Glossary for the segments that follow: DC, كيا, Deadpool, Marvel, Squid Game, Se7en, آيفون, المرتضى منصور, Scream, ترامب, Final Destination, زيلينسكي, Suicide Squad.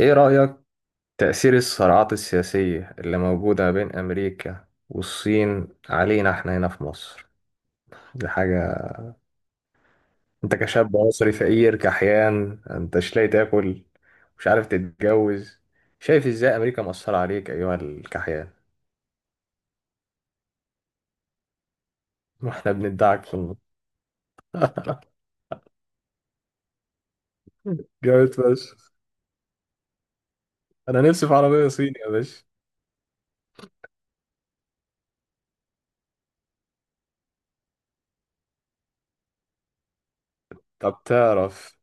إيه رأيك تأثير الصراعات السياسية اللي موجودة بين أمريكا والصين علينا إحنا هنا في مصر؟ دي حاجة. أنت كشاب مصري فقير كحيان، أنت مش لاقي تاكل، مش عارف تتجوز. شايف إزاي أمريكا مأثرة عليك أيها الكحيان؟ وإحنا بندعك في النص. جامد بس. أنا نفسي في عربية صيني يا باشا. طب تعرف،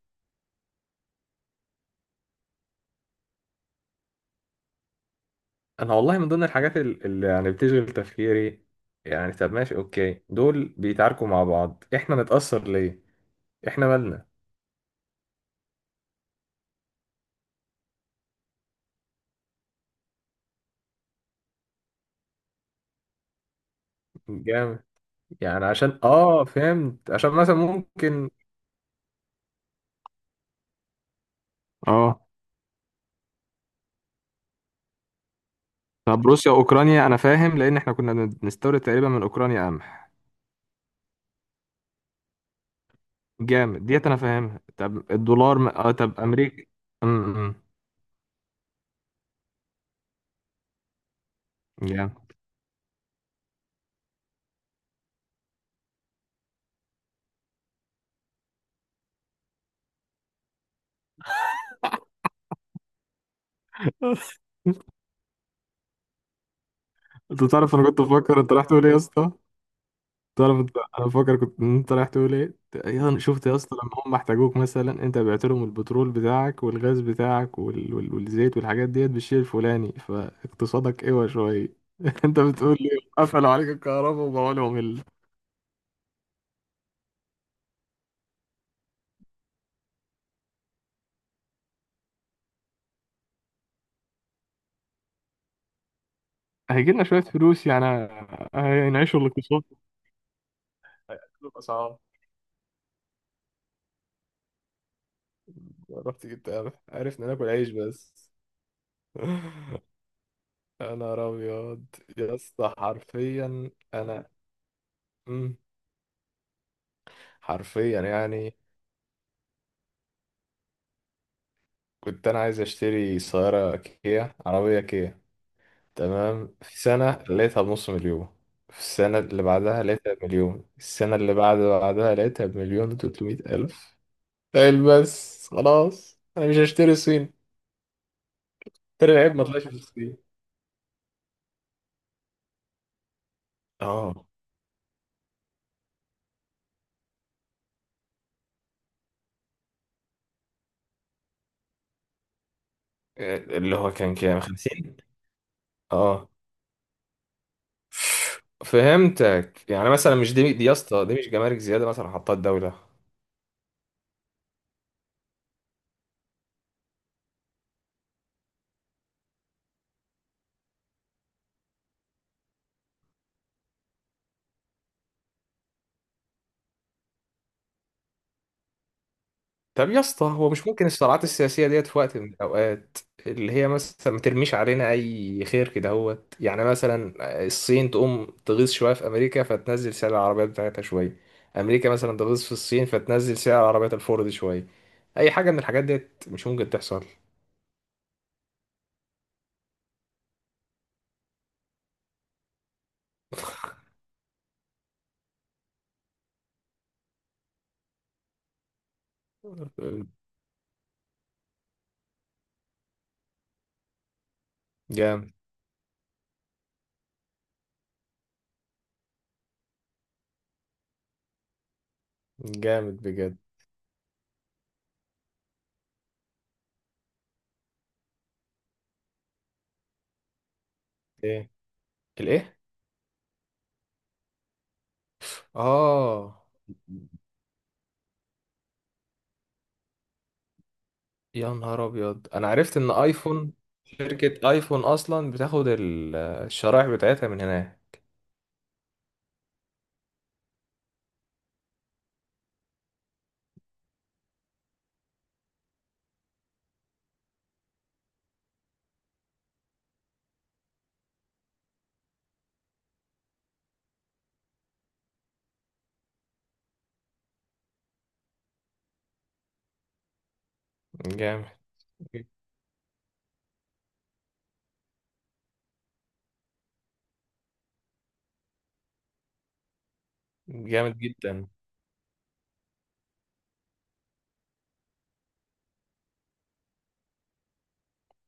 انا والله من ضمن الحاجات اللي يعني بتشغل تفكيري، يعني طب ماشي اوكي، دول بيتعاركوا مع بعض احنا نتأثر ليه؟ احنا مالنا؟ جامد. يعني عشان اه فهمت، عشان مثلا ممكن. اه طب روسيا واوكرانيا انا فاهم، لان احنا كنا بنستورد تقريبا من اوكرانيا قمح. جامد ديت، انا فاهمها. طب الدولار اه طب امريكا. امم جامد. انت تعرف انا كنت بفكر انت راح تقول ايه يا اسطى؟ طالما انت، انا فاكر كنت إن انت رايح تقول ايه يا أنا شفت يا اسطى، لما هم احتاجوك مثلا انت بعت لهم البترول بتاعك والغاز بتاعك والزيت والحاجات ديت بالشيء الفلاني، فاقتصادك اوعى شويه. انت بتقول لي قفلوا عليك الكهرباء وبقوا لهم هيجي لنا شويه فلوس يعني، هينعشوا الاقتصاد ويقللوا الاسعار. رحت جبت قرع. عرفنا ناكل عيش بس. يا نهار ابيض. يا اسطى حرفيا انا. مم. حرفيا يعني كنت انا عايز اشتري سيارة كيا، عربية كيا. تمام، في سنة لقيتها بنص مليون، في السنة اللي بعدها لقيتها بمليون، السنة اللي بعد بعدها لقيتها بمليون وتلتمية ألف. قال بس خلاص، أنا مش هشتري صين تاني، العيب ما طلعش في الصين. اه اللي هو كان كام؟ خمسين. اه فهمتك، يعني مثلا مش دي يا اسطى، دي مش جمارك زيادة مثلا حطها الدولة؟ طب يا اسطى، هو مش ممكن الصراعات السياسية ديت في وقت من الأوقات اللي هي مثلا ما ترميش علينا أي خير كده، هوت يعني مثلا الصين تقوم تغيظ شوية في أمريكا فتنزل سعر العربيات بتاعتها شوية، أمريكا مثلا تغيظ في الصين فتنزل سعر عربيات الفورد شوية؟ أي حاجة من الحاجات ديت مش ممكن تحصل؟ جامد. جامد بجد. إيه الإيه؟ آه. يا نهار أبيض، أنا عرفت إن آيفون، شركة آيفون أصلا بتاخد الشرائح بتاعتها من هنا. جامد. جامد جدا.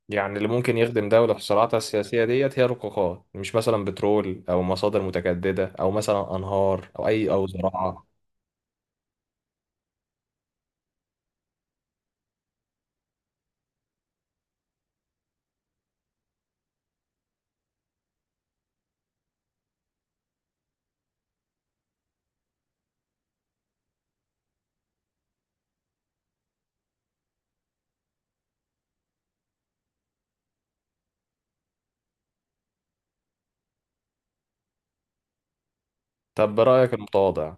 يعني اللي ممكن يخدم دولة في صراعاتها السياسية ديت هي القاقات، مش مثلا بترول أو مصادر متجددة أو مثلا أنهار أو أي أو زراعة؟ طب برأيك المتواضع،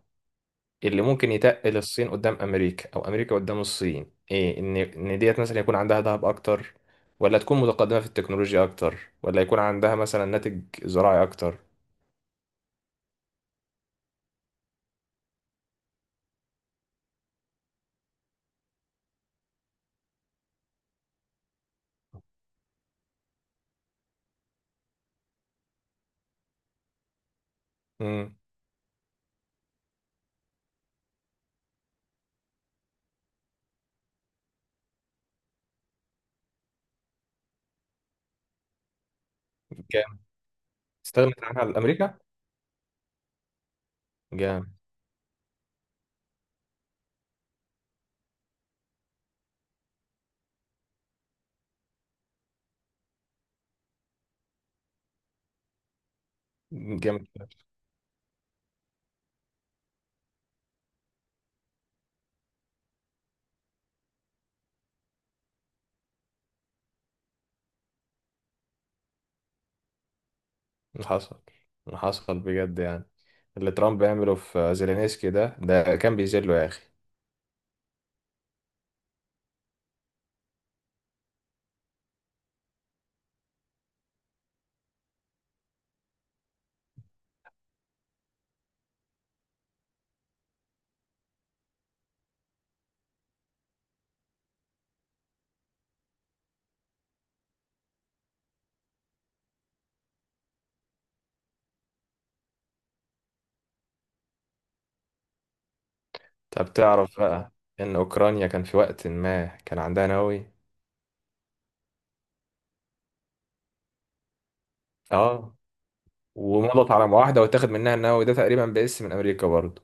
اللي ممكن يتقل الصين قدام أمريكا أو أمريكا قدام الصين إيه؟ إن ديت مثلا يكون عندها ذهب أكتر، ولا تكون متقدمة في التكنولوجيا أكتر، ولا يكون عندها مثلا ناتج زراعي أكتر؟ امم. جامد. استغنت عنها الأمريكا. جامد. جامد. اللي حصل، اللي حصل بجد يعني، اللي ترامب يعمله في زيلينسكي ده كان بيذله يا أخي. طب تعرف بقى إن أوكرانيا كان في وقت ما كان عندها نووي. آه. ومضت على معاهدة، واتاخد منها النووي ده تقريبا باسم من أمريكا برضه.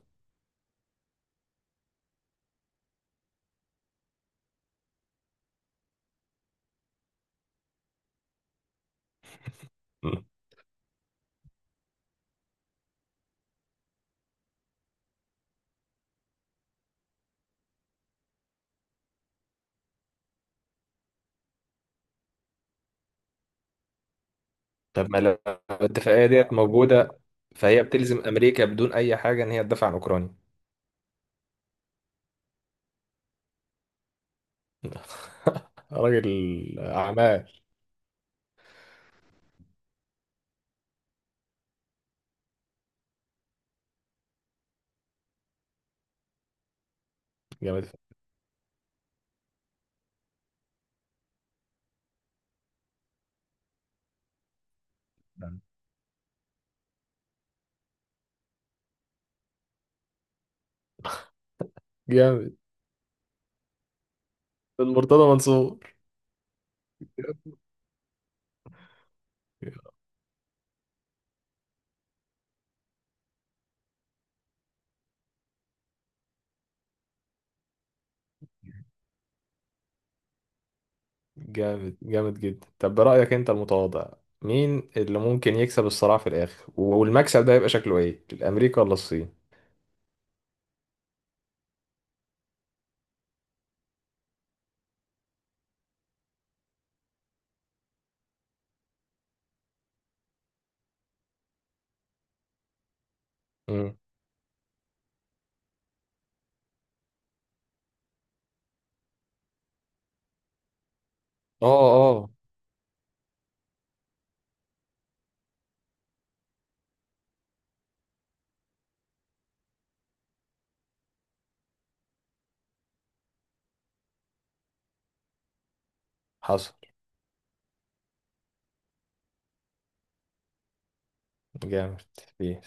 مم. طب ما لو الاتفاقية ديت موجودة، فهي بتلزم أمريكا بدون أي حاجة إن هي تدافع عن أوكرانيا. راجل أعمال. جامد. فعلاً. جامد. المرتضى منصور. جامد. جامد جدا. طب برأيك انت المتواضع، مين اللي ممكن يكسب الصراع في الاخر، والمكسب ده يبقى شكله ايه؟ الامريكا ولا الصين؟ امم. اه. اه. حصل. جامد. فيه